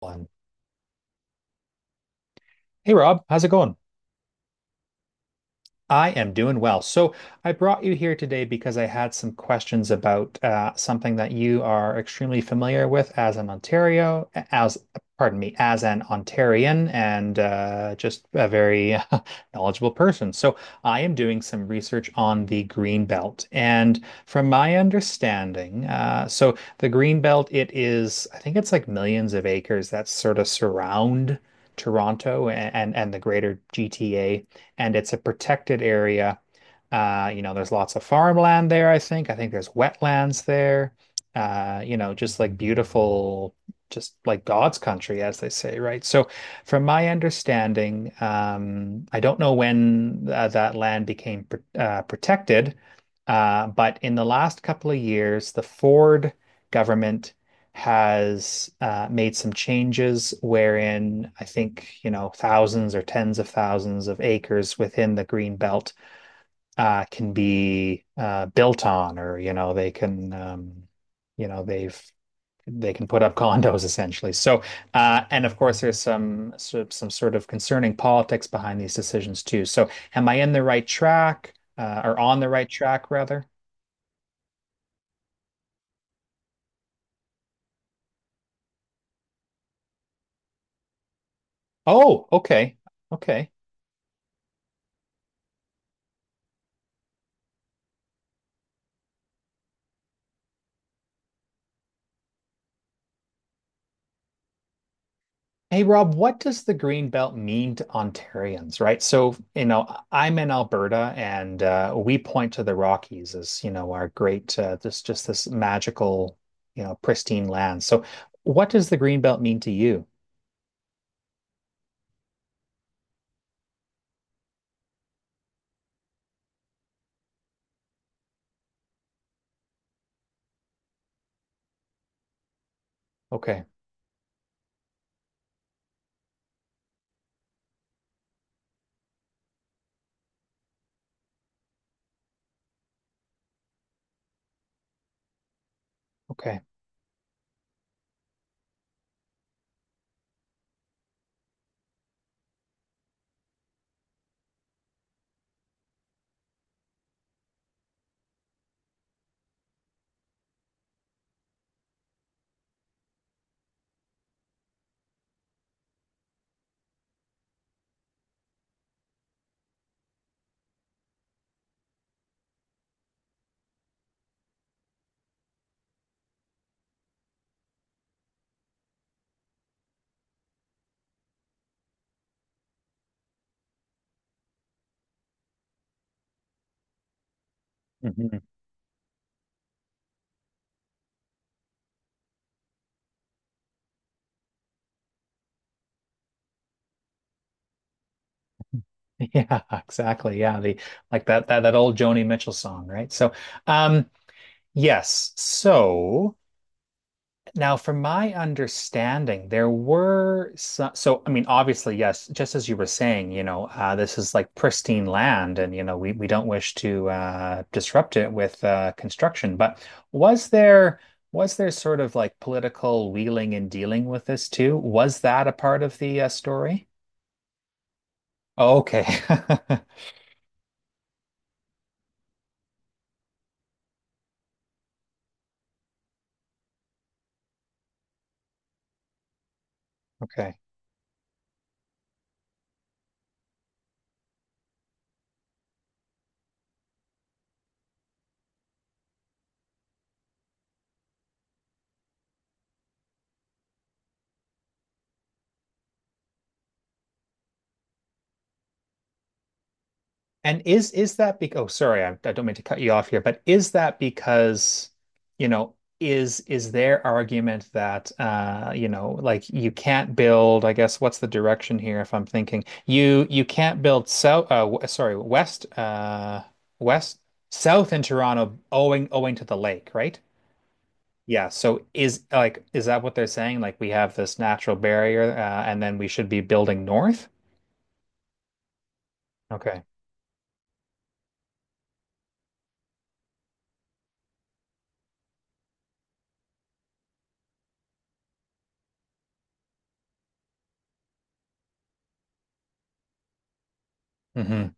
One. Hey Rob, how's it going? I am doing well. So I brought you here today because I had some questions about something that you are extremely familiar with as an Ontario, as, pardon me, as an Ontarian and just a very knowledgeable person. So I am doing some research on the Green Belt. And from my understanding, so the Green Belt, I think it's like millions of acres that sort of surround Toronto and the greater GTA, and it's a protected area. There's lots of farmland there, I think. I think there's wetlands there. Just like just like God's country, as they say, right? So, from my understanding, I don't know when that land became pr protected, but in the last couple of years, the Ford government has made some changes wherein, I think, you know, thousands or tens of thousands of acres within the green belt can be built on, or, you know, they can, you know, they've they can put up condos essentially. So, and of course, there's some sort of concerning politics behind these decisions too. So, am I in the right track, or on the right track rather? Oh, okay, okay. Hey Rob, what does the Green Belt mean to Ontarians, right? So, you know, I'm in Alberta and we point to the Rockies as, you know, our great, this magical, you know, pristine land. So, what does the Green Belt mean to you? Okay. Okay. Hmm. Yeah, exactly. Yeah, the like that old Joni Mitchell song, right? Um, yes. So, now, from my understanding, there were so, so I mean, obviously, yes, just as you were saying, you know, this is like pristine land, and, you know, we don't wish to disrupt it with construction. But was there was there sort of like political wheeling and dealing with this too? Was that a part of the story? Oh, okay, okay. And is that because, oh, sorry, I, don't mean to cut you off here, but is that because, you know, is their argument that, you know, like you can't build, I guess, what's the direction here? If I'm thinking, you can't build south w- sorry, west west south in Toronto owing to the lake, right? Yeah, so is like is that what they're saying? Like we have this natural barrier and then we should be building north? Okay. Hmm.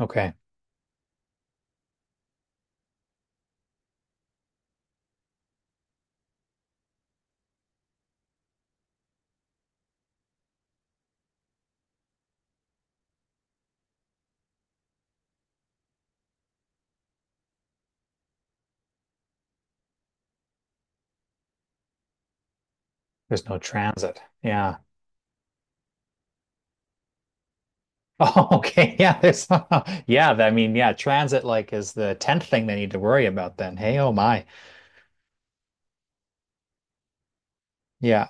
Okay. There's no transit. Yeah. Oh, okay. Yeah, there's yeah, I mean, yeah, transit like is the tenth thing they need to worry about then. Hey, oh my. Yeah.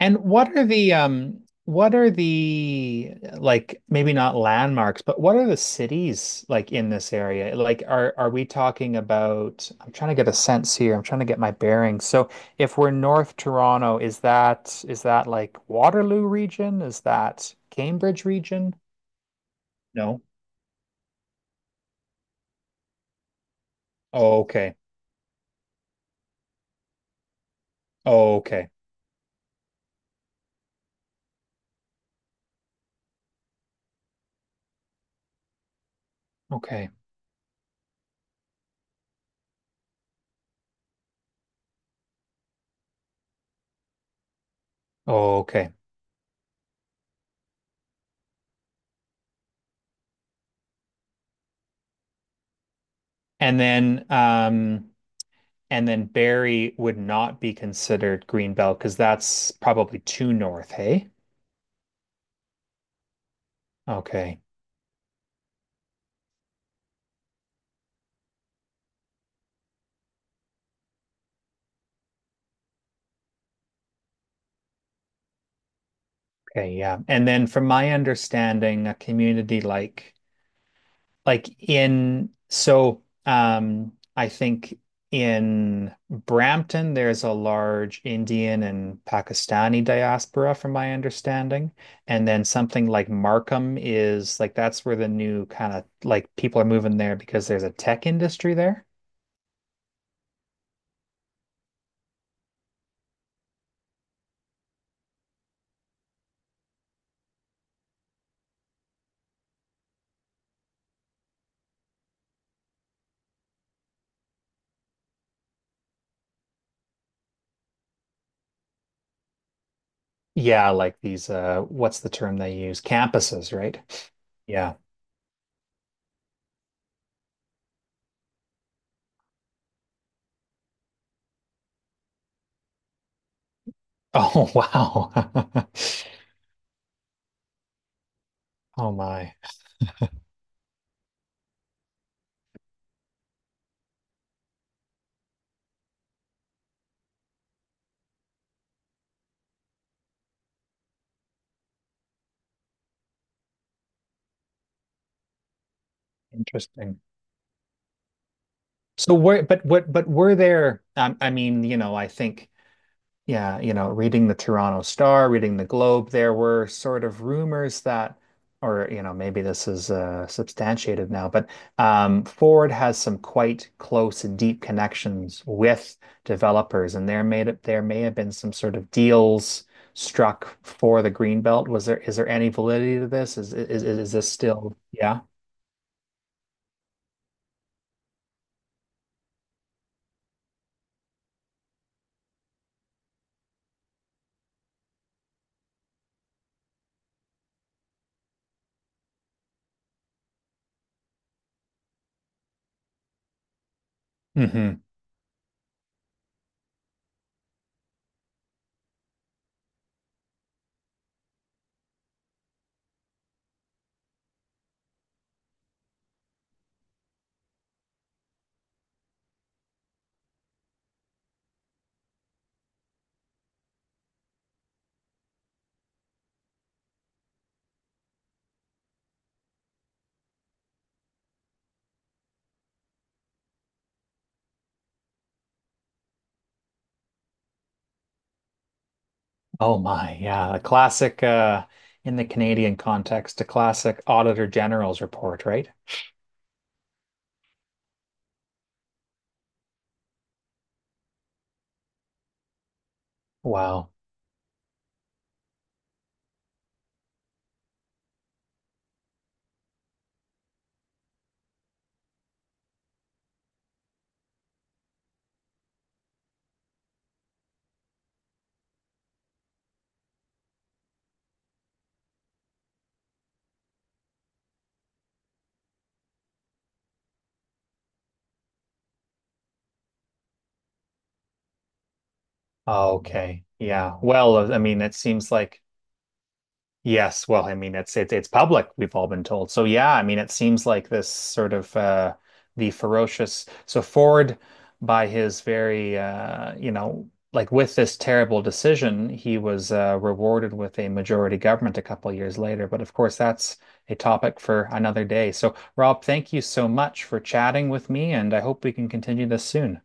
And what are the like maybe not landmarks, but what are the cities like in this area? Like are we talking about? I'm trying to get a sense here. I'm trying to get my bearings. So if we're North Toronto, is that like Waterloo region? Is that Cambridge region? No. Oh, okay. Oh, okay. Okay. Oh, okay. And then um and then Barrie would not be considered Greenbelt because that's probably too north, hey? Okay. Okay, yeah. And then from my understanding, a community like in so I think in Brampton there's a large Indian and Pakistani diaspora from my understanding. And then something like Markham is like that's where the new kind of like people are moving there because there's a tech industry there. Yeah, like these what's the term they use? Campuses, right? Yeah. Oh, wow. Oh my. Interesting. So where but what but were there I mean, you know, I think. Yeah, you know, reading the Toronto Star, reading the Globe, there were sort of rumors that, or you know, maybe this is substantiated now, but Ford has some quite close and deep connections with developers, and there may have been some sort of deals struck for the Greenbelt. Was there, is there any validity to this? Is this still? Yeah. Hmm. Oh my, yeah, a classic in the Canadian context, a classic Auditor General's report, right? Wow. Oh, okay. Yeah. Well, I mean, it seems like yes. Well, I mean, it's it's public. We've all been told. So yeah, I mean, it seems like this sort of the ferocious. So Ford, by his very, you know, like with this terrible decision, he was rewarded with a majority government a couple years later. But of course, that's a topic for another day. So Rob, thank you so much for chatting with me, and I hope we can continue this soon.